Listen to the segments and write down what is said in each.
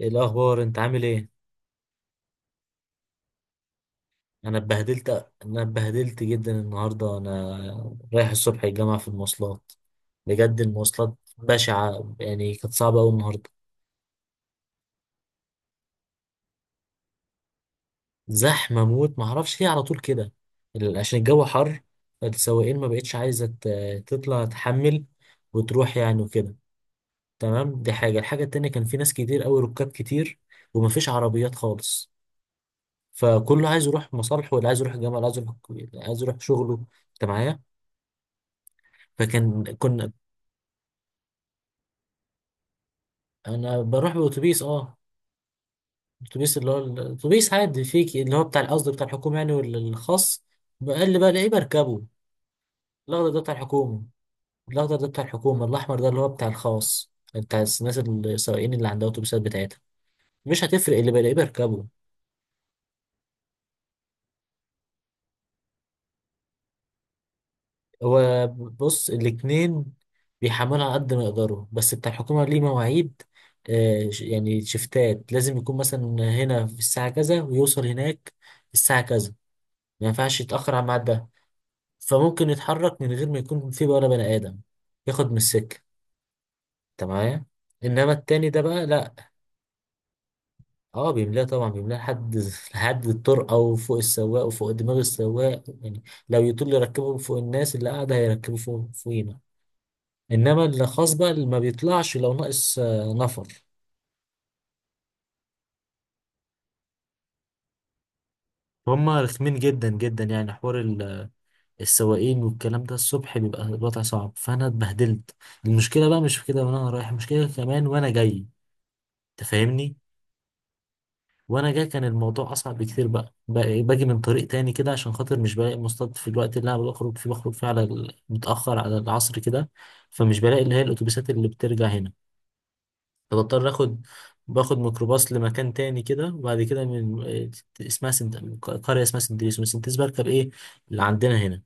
ايه الاخبار؟ انت عامل ايه؟ انا اتبهدلت. انا اتبهدلت جدا النهارده. انا رايح الصبح الجامعه في المواصلات. بجد المواصلات بشعه، يعني كانت صعبه قوي النهارده. زحمه موت، ما اعرفش ليه على طول كده. عشان الجو حر، فالسواقين ما بقتش عايزه تطلع تحمل وتروح يعني وكده. تمام، دي حاجه. الحاجه التانية كان في ناس كتير قوي، ركاب كتير ومفيش عربيات خالص. فكله عايز يروح مصالحه، واللي عايز يروح الجامعه، اللي عايز يروح، اللي عايز يروح شغله. انت معايا؟ فكان كنا. انا بروح باوتوبيس، اه. اتوبيس اللي هو الاتوبيس عادي فيك، اللي هو بتاع القصد بتاع الحكومه يعني والخاص. بقى الاقيه بركبه. الاخضر ده بتاع الحكومه. الاخضر ده بتاع الحكومه، الاحمر ده اللي هو بتاع الخاص بتاع الناس السواقين اللي عندها اتوبيسات بتاعتها. مش هتفرق، اللي بلاقيه بركبه. هو بص، الاتنين بيحملوا على قد ما يقدروا، بس بتاع الحكومه ليه مواعيد. يعني شفتات، لازم يكون مثلا هنا في الساعه كذا ويوصل هناك الساعه كذا. ما ينفعش يتأخر على الميعاد ده. فممكن يتحرك من غير ما يكون في بقى ولا بني آدم، ياخد من السكة. انت معايا؟ انما التاني ده بقى لا. اه بيملاه، طبعا بيملاه لحد لحد الطرقه وفوق السواق وفوق دماغ السواق يعني. لو يطول يركبه فوق الناس اللي قاعده، هيركبه فوق فوقينا. انما اللي خاص بقى، اللي ما بيطلعش لو ناقص نفر. هم رخمين جدا جدا يعني. حوار السواقين والكلام ده الصبح بيبقى الوضع صعب، فانا اتبهدلت. المشكله بقى مش في كده وانا رايح، المشكله كمان وانا جاي. تفهمني؟ وانا جاي كان الموضوع اصعب بكتير بقى. بقى- إيه، باجي من طريق تاني كده عشان خاطر مش بلاقي مصطاد في الوقت اللي انا بخرج فيه. بخرج فيه على متاخر على العصر كده. فمش بلاقي اللي هي الاتوبيسات اللي بترجع هنا. فبضطر اخد، باخد ميكروباص لمكان تاني كده، وبعد كده من اسمها سنت... قريه اسمها سنتريس. ومن سنتريس بركب ايه اللي عندنا هنا.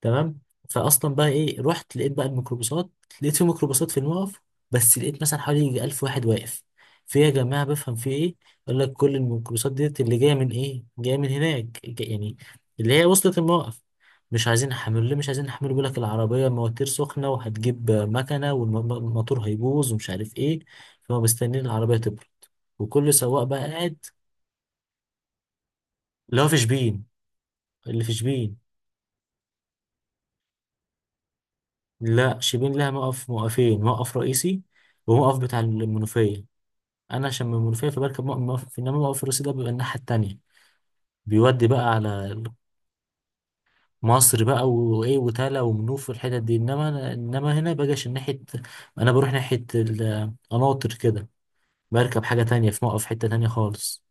تمام. فاصلا بقى ايه، رحت لقيت بقى الميكروباصات. لقيت في ميكروباصات في الموقف، بس لقيت مثلا حوالي يجي 1000 واحد واقف. في يا جماعه، بفهم في ايه؟ يقول لك كل الميكروباصات ديت اللي جايه من ايه، جايه من هناك يعني اللي هي وصلت الموقف. مش عايزين نحمل. ليه مش عايزين نحمل؟ بيقول لك العربيه مواتير سخنه وهتجيب مكنه والموتور هيبوظ ومش عارف ايه. فهم مستنيين العربيه تبرد، وكل سواق بقى قاعد. اللي هو في شبين، اللي في شبين. لا شبين لها موقف، موقفين: موقف رئيسي وموقف بتاع المنوفية. أنا عشان من المنوفية فبركب موقف موقف، إنما موقف الرئيسي ده بيبقى الناحية التانية، بيودي بقى على مصر بقى وإيه وتالا ومنوف والحتت دي. إنما أنا إنما هنا بجيش ناحية، أنا بروح ناحية القناطر كده. بركب حاجة تانية في موقف، حتة تانية خالص.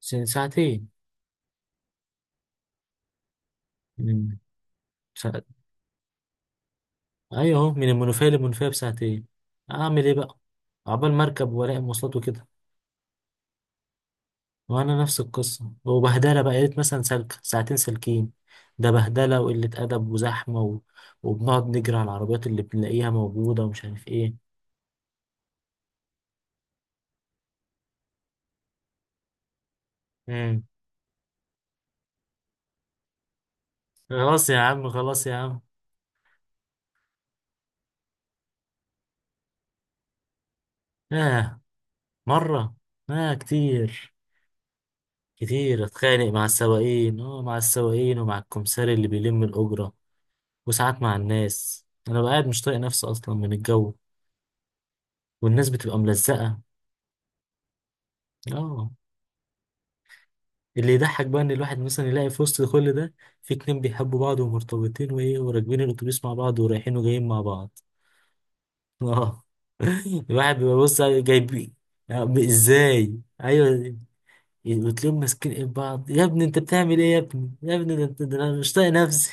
ساعتين. مم. ساعت... أيوه أهو، من المنوفية للمنوفية بساعتين. أعمل إيه بقى؟ عقبال مركب وألاقي مواصلات وكده. وانا نفس القصه وبهدله بقى. يا ريت مثلا سلك ساعتين سالكين. ده بهدله وقله ادب وزحمه و... وبنقعد نجري على العربيات اللي بنلاقيها موجوده ومش عارف ايه. امم. خلاص يا عم، خلاص يا عم. اه، مره. اه كتير. كتير اتخانق مع السواقين، اه، مع السواقين ومع الكمساري اللي بيلم الاجره. وساعات مع الناس. انا بقى قاعد مش طايق نفسي اصلا من الجو، والناس بتبقى ملزقه. اه. اللي يضحك بقى ان الواحد مثلا يلاقي في وسط كل ده في اتنين بيحبوا بعض ومرتبطين وايه، وراكبين الاتوبيس مع بعض ورايحين وجايين مع بعض. اه. الواحد بيبقى جايب يعني ازاي. ايوه. وتلاقيهم ماسكين ايد بعض. يا ابني انت بتعمل ايه؟ يا ابني يا ابني، ده انت، ده انا مش طايق نفسي.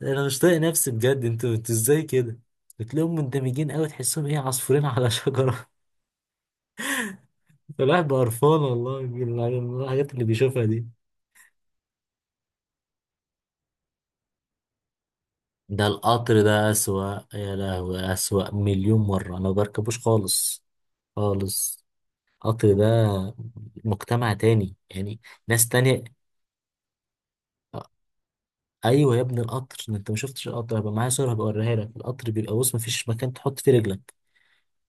ده انا مش طايق نفسي بجد. انتوا ازاي كده؟ بتلاقيهم مندمجين قوي، تحسهم ايه، عصفورين على شجره. الواحد بقى قرفان والله من الحاجات اللي بيشوفها دي. ده القطر ده أسوأ، يا لهوي أسوأ مليون مرة. أنا ما بركبوش خالص، خالص. القطر ده مجتمع تاني يعني، ناس تانية. أيوة يا ابني القطر. أنت ما شفتش القطر. هبقى معايا صورة، هبقى أوريها لك. القطر بيبقى بص، مفيش مكان تحط فيه رجلك.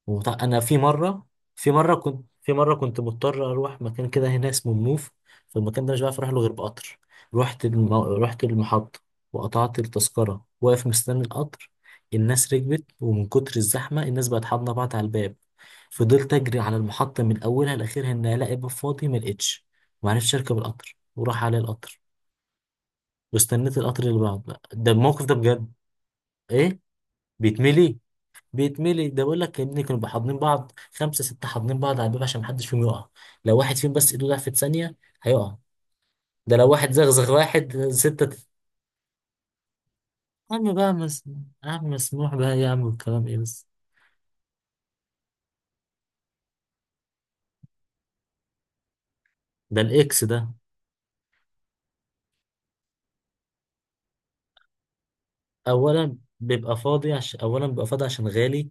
وط- انا في مره في مره كنت، مضطر اروح مكان كده هنا اسمه منوف. فالمكان ده مش بعرف اروح له غير بقطر. رحت المحطه وقطعت التذكره، واقف مستني القطر. الناس ركبت، ومن كتر الزحمه الناس بقت حاضنه بعض على الباب. فضلت اجري على المحطه من اولها لاخرها ان الاقي باب فاضي، ما لقيتش. ما عرفتش اركب القطر، وراح على القطر. واستنيت القطر اللي بعده. ده الموقف ده بجد. ايه، بيتملي؟ بيتملي، ده بيقول لك يا ابني كانوا بيحضنين بعض، خمسه سته حاضنين بعض على الباب عشان محدش فيهم يقع. لو واحد فيهم بس ايده ضعفت ثانيه، هيقع. ده لو واحد زغزغ واحد، سته يا عم بقى يا عم مسموح بقى يا عم، الكلام ايه بس. ده الاكس ده. اولا بيبقى فاضي عشان، اولا بيبقى فاضي عشان غالي.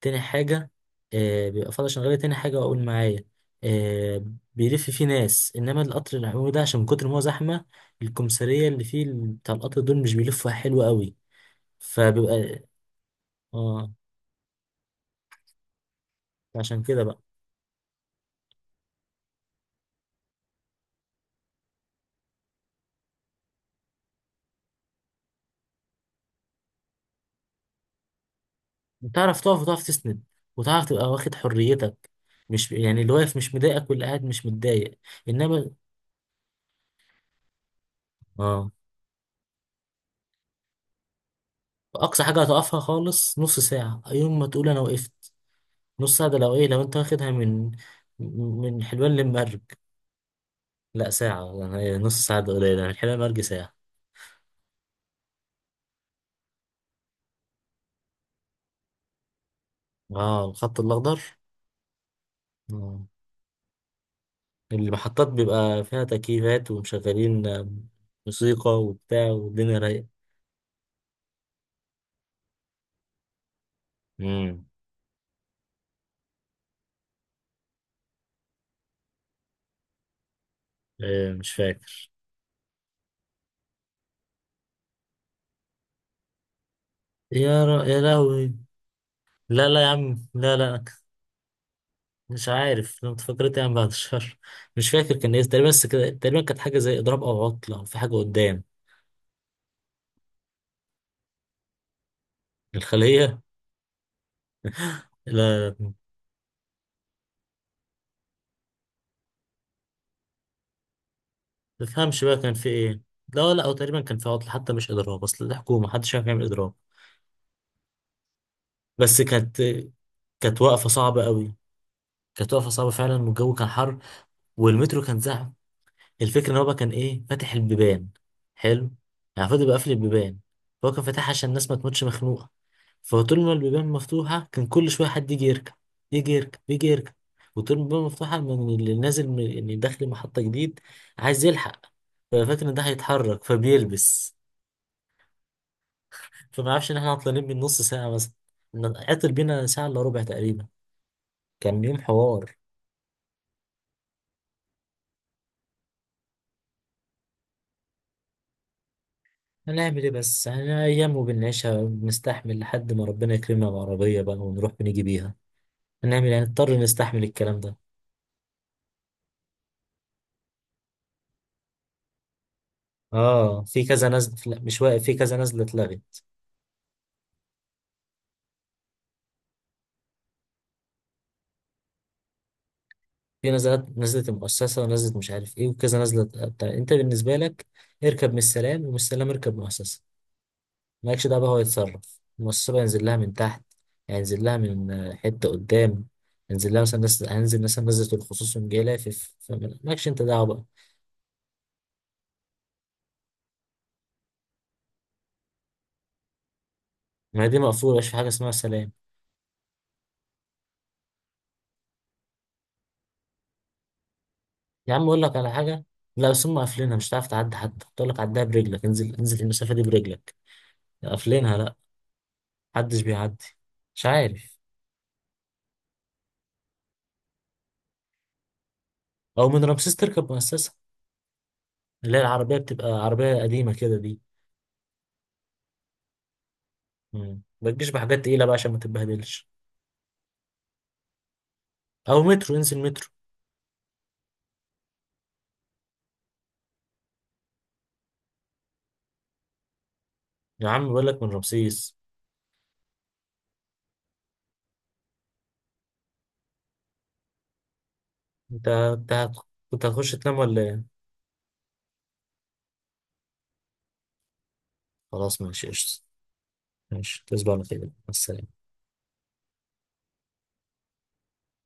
تاني حاجه، آه، بيبقى فاضي عشان غالي. تاني حاجه اقول معايا، آه، بيلف فيه ناس. انما القطر العمومي ده، عشان من كتر ما هو زحمه الكمثريه اللي فيه بتاع القطر دول مش بيلفوا حلو قوي، فبيبقى، اه، عشان كده بقى. تعرف تقف وتعرف تسند وتعرف تبقى واخد حريتك. مش يعني، اللي واقف مش مضايقك واللي قاعد مش متضايق. انما اه، اقصى حاجه هتقفها خالص نص ساعه يوم ما تقول انا وقفت. نص ساعه ده لو ايه، لو انت واخدها من من حلوان للمرج. لا ساعه يعني، نص ساعه ده قليله، من حلوان للمرج ساعه. اه الخط الاخضر. اه المحطات بيبقى فيها تكييفات ومشغلين موسيقى وبتاع، والدنيا رايقه. امم. إيه؟ مش فاكر. يا لهوي. لا لا يا عم، لا لا أنا مش عارف. لو تفكرت يعني بعد الشهر، مش فاكر كان ايه تقريبا. بس كده تقريبا كانت حاجه زي اضراب او عطله او في حاجه قدام. الخليه. لا لا، ما تفهمش بقى كان في ايه. لا لا، او تقريبا كان في عطله حتى مش اضراب، اصل دي حكومه محدش عارف يعمل اضراب. بس كانت، كانت واقفه صعبه قوي. كانت واقفه صعبه فعلا والجو كان حر. والمترو كان زحم. الفكره ان هو بقى كان ايه، فاتح البيبان. حلو. يعني فضل بقى قافل البيبان. هو كان فاتحها عشان الناس ما تموتش مخنوقه. فطول ما البيبان مفتوحة كان كل شوية حد يجي يركب، يجي يركب، يجي يركب. وطول ما البيبان مفتوحة، من اللي نازل من اللي داخل محطة جديد عايز يلحق، ففاكر إن ده هيتحرك فبيلبس. فما عرفش إن إحنا عطلانين من نص ساعة مثلا. عطل بينا ساعة إلا ربع تقريبا. كان يوم حوار. هنعمل إيه بس يعني، أيام وبنعيشها، بنستحمل لحد ما ربنا يكرمنا بعربية بقى ونروح ونيجي بيها. هنعمل يعني، نضطر نستحمل الكلام ده. آه في كذا نزلة، لأ، مش واقف، في كذا نزلة اتلغت. في نزلات، نزلة المؤسسة ونزلة مش عارف ايه وكذا نزلة. بتاع انت بالنسبة لك، اركب من السلام، ومن السلام اركب مؤسسة. مالكش دعوة بقى، هو يتصرف، المؤسسة بقى ينزل لها من تحت، يعني ينزل لها من حتة قدام. ينزل لها مثلا نزلة، هنزل مثلا نزلة الخصوص يوم جاي لافف، فمالكش انت دعوة بقى. ما هي دي مقفولة، مش في حاجة اسمها سلام. يا عم اقول لك على حاجة. لا بس هم قافلينها، مش هتعرف تعدي، حتى تقول لك عدها برجلك، انزل انزل المسافة دي برجلك. قافلينها، لا محدش بيعدي، مش عارف. او من رمسيس تركب مؤسسة، اللي هي العربية بتبقى عربية قديمة كده دي. مم. ما تجيش بحاجات تقيلة بقى عشان ما تتبهدلش. أو مترو، انزل مترو. يا عم بقول لك من رمسيس. أنت كنت هتخش تنام ولا إيه؟ خلاص ماشي قشطة. ماشي، تصبح على خير، مع السلامة.